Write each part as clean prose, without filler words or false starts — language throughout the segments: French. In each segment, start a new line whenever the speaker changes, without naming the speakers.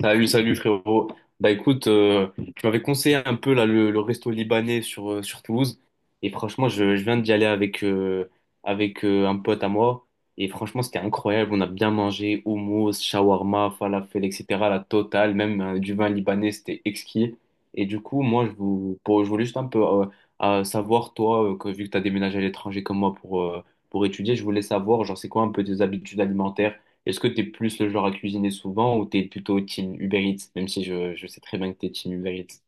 Salut, salut frérot. Bah, écoute, tu m'avais conseillé un peu là le resto libanais sur Toulouse. Et franchement, je viens d'y aller avec un pote à moi. Et franchement, c'était incroyable. On a bien mangé hummus, shawarma, falafel, etc. La totale, même du vin libanais, c'était exquis. Et du coup, moi, je, je voulais juste un peu savoir, toi, vu que tu as déménagé à l'étranger comme moi pour étudier, je voulais savoir, genre, c'est quoi un peu tes habitudes alimentaires? Est-ce que t'es plus le genre à cuisiner souvent ou t'es plutôt team Uber Eats, même si je sais très bien que t'es team Uber Eats?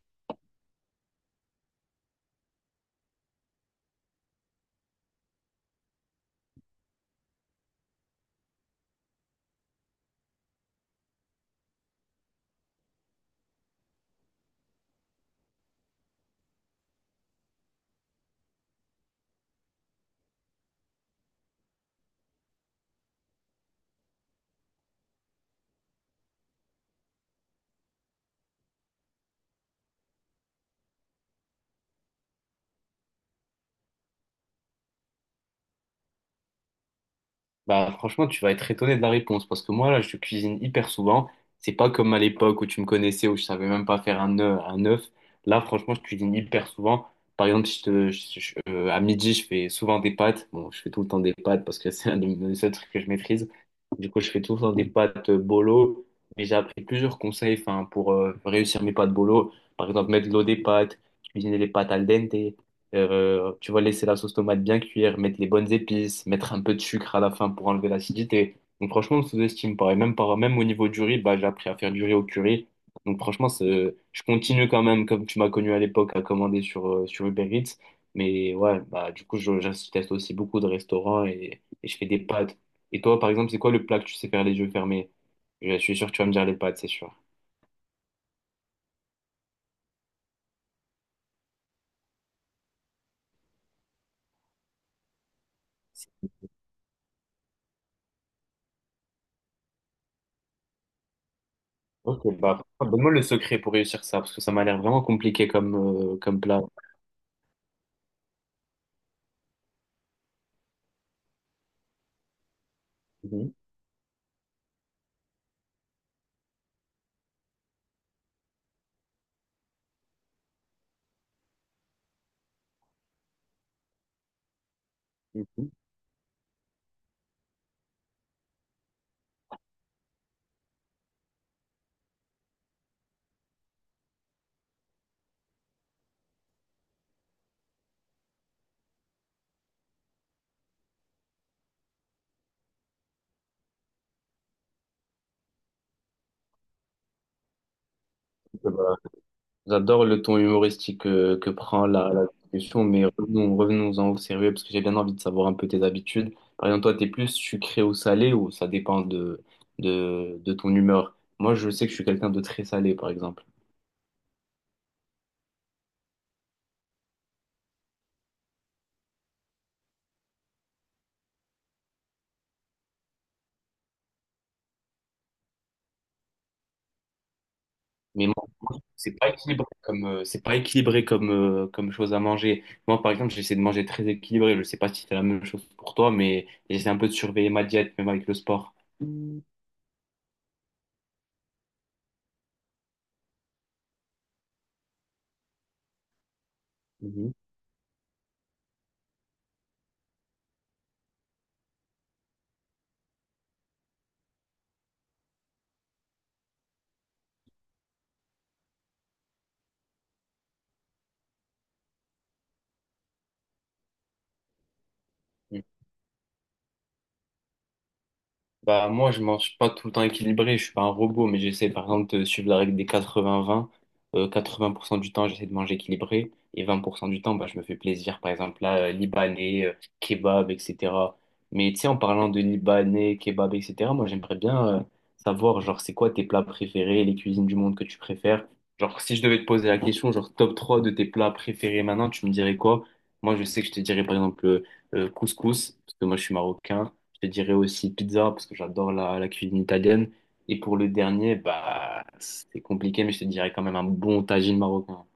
Bah, franchement, tu vas être étonné de la réponse parce que moi, là, je cuisine hyper souvent. C'est pas comme à l'époque où tu me connaissais, où je savais même pas faire un œuf. Un œuf. Là, franchement, je cuisine hyper souvent. Par exemple, je te, je- à midi, je fais souvent des pâtes. Bon, je fais tout le temps des pâtes parce que c'est un des seuls trucs que je maîtrise. Du coup, je fais tout le temps des pâtes bolo. Mais j'ai appris plusieurs conseils, enfin, pour réussir mes pâtes bolo. Par exemple, mettre de l'eau des pâtes, cuisiner les pâtes al dente. Tu vas laisser la sauce tomate bien cuire, mettre les bonnes épices, mettre un peu de sucre à la fin pour enlever l'acidité. Donc franchement, on sous-estime pas. Et même, même au niveau du riz, bah, j'ai appris à faire du riz au curry. Donc franchement, je continue quand même, comme tu m'as connu à l'époque, à commander sur Uber Eats. Mais ouais, bah, du coup, je teste aussi beaucoup de restaurants et je fais des pâtes. Et toi, par exemple, c'est quoi le plat que tu sais faire les yeux fermés? Je suis sûr que tu vas me dire les pâtes, c'est sûr. Ok, bah, donne-moi le secret pour réussir ça, parce que ça m'a l'air vraiment compliqué comme plat. Mhm. Mhm. Bah, j'adore le ton humoristique prend la discussion, mais revenons-en au sérieux parce que j'ai bien envie de savoir un peu tes habitudes. Par exemple, toi, t'es plus sucré ou salé ou ça dépend de ton humeur. Moi, je sais que je suis quelqu'un de très salé, par exemple. Mais moi, c'est pas équilibré comme chose à manger. Moi, par exemple, j'essaie de manger très équilibré. Je sais pas si c'est la même chose pour toi, mais j'essaie un peu de surveiller ma diète, même avec le sport. Mhm. Bah, moi, je mange pas tout le temps équilibré, je suis pas un robot, mais j'essaie par exemple de suivre la règle des 80-20. 80% du temps, j'essaie de manger équilibré et 20% du temps, bah, je me fais plaisir. Par exemple, là, libanais, kebab, etc. Mais tu sais, en parlant de libanais, kebab, etc., moi, j'aimerais bien savoir, genre, c'est quoi tes plats préférés, les cuisines du monde que tu préfères? Genre, si je devais te poser la question, genre, top 3 de tes plats préférés maintenant, tu me dirais quoi? Moi, je sais que je te dirais par exemple couscous, parce que moi, je suis marocain. Je te dirais aussi pizza parce que j'adore la cuisine italienne. Et pour le dernier, bah, c'est compliqué, mais je te dirais quand même un bon tagine marocain.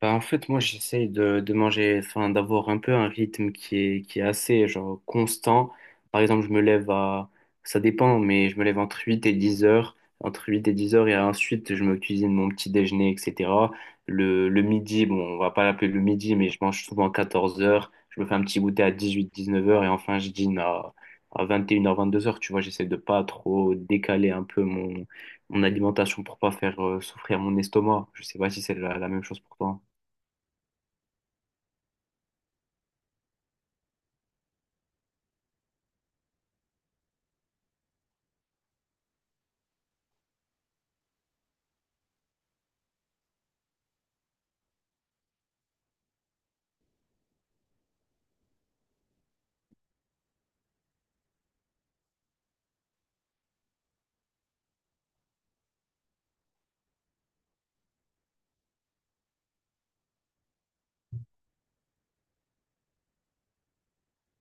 Bah, en fait, moi, j'essaye de manger, enfin, d'avoir un peu un rythme qui est assez, genre, constant. Par exemple, je me lève à, ça dépend, mais je me lève entre 8 h et 10 h, entre 8 h et 10 h, et ensuite, je me cuisine mon petit déjeuner, etc. Le midi, bon, on va pas l'appeler le midi, mais je mange souvent à 14 heures. Je me fais un petit goûter à 18-19 heures, et enfin, je dîne à 21 heures, 22 heures. Tu vois, j'essaie de pas trop décaler un peu mon alimentation pour pas faire souffrir mon estomac. Je sais pas si c'est la même chose pour toi.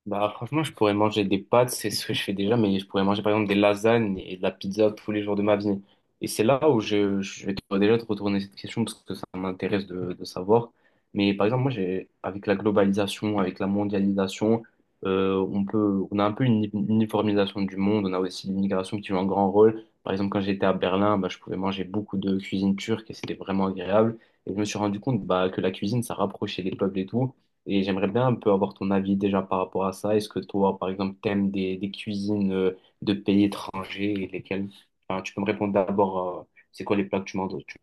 Bah, franchement, je pourrais manger des pâtes, c'est ce que je fais déjà, mais je pourrais manger par exemple des lasagnes et de la pizza tous les jours de ma vie. Et c'est là où je vais déjà te retourner cette question parce que ça m'intéresse de savoir. Mais par exemple, moi, avec la globalisation, avec la mondialisation, on a un peu une uniformisation du monde. On a aussi l'immigration qui joue un grand rôle. Par exemple, quand j'étais à Berlin, bah, je pouvais manger beaucoup de cuisine turque et c'était vraiment agréable. Et je me suis rendu compte bah, que la cuisine, ça rapprochait les peuples et tout. Et j'aimerais bien un peu avoir ton avis déjà par rapport à ça. Est-ce que toi, par exemple, t'aimes des cuisines de pays étrangers et lesquelles? Enfin, tu peux me répondre d'abord, c'est quoi les plats que tu manges, tu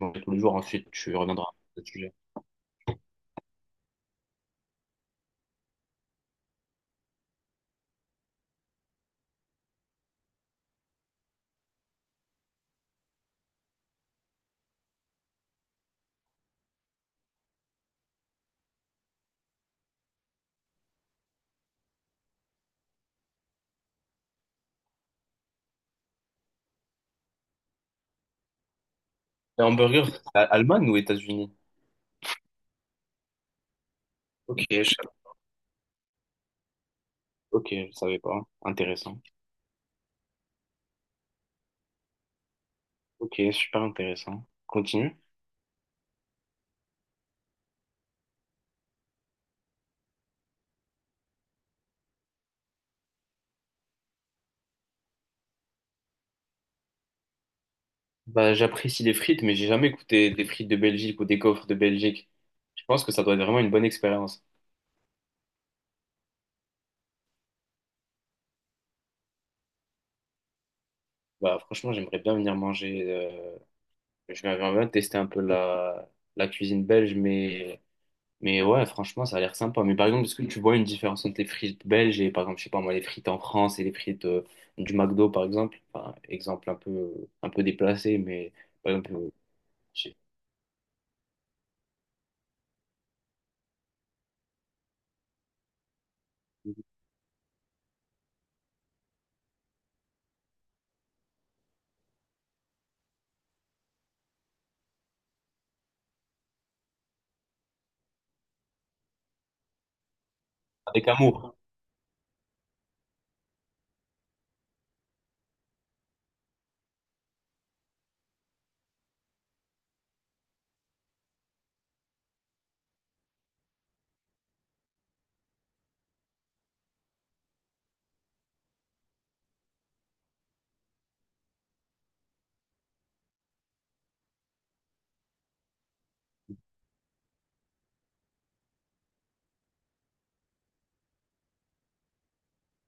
manges tous les jours, ensuite tu reviendras à ce sujet. Les hamburgers, Allemagne ou États-Unis? Ok. Ok, je savais pas. Intéressant. Ok, super intéressant. Continue. Bah, j'apprécie les frites, mais j'ai jamais goûté des frites de Belgique ou des gaufres de Belgique. Je pense que ça doit être vraiment une bonne expérience. Bah, franchement, j'aimerais bien venir manger. J'aimerais bien tester un peu la cuisine belge, mais ouais, franchement, ça a l'air sympa. Mais par exemple, est-ce que tu vois une différence entre les frites belges et, par exemple, je sais pas moi, les frites en France et les frites du McDo, par exemple? Enfin, exemple un peu déplacé, mais par exemple, je sais- avec amour.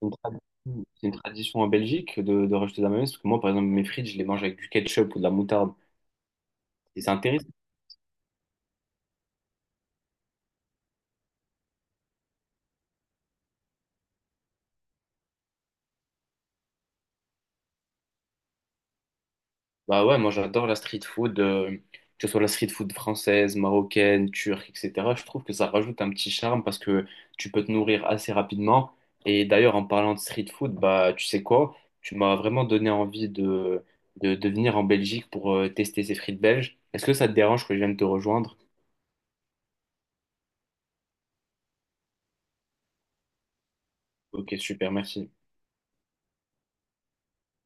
C'est une tradition c'est une tradition en Belgique de rajouter de la mayonnaise, parce que moi, par exemple, mes frites, je les mange avec du ketchup ou de la moutarde. Et c'est intéressant. Bah ouais, moi j'adore la street food, que ce soit la street food française, marocaine, turque, etc. Je trouve que ça rajoute un petit charme parce que tu peux te nourrir assez rapidement. Et d'ailleurs, en parlant de street food, bah tu sais quoi? Tu m'as vraiment donné envie de venir en Belgique pour tester ces frites belges. Est-ce que ça te dérange que je vienne te rejoindre? Ok, super, merci.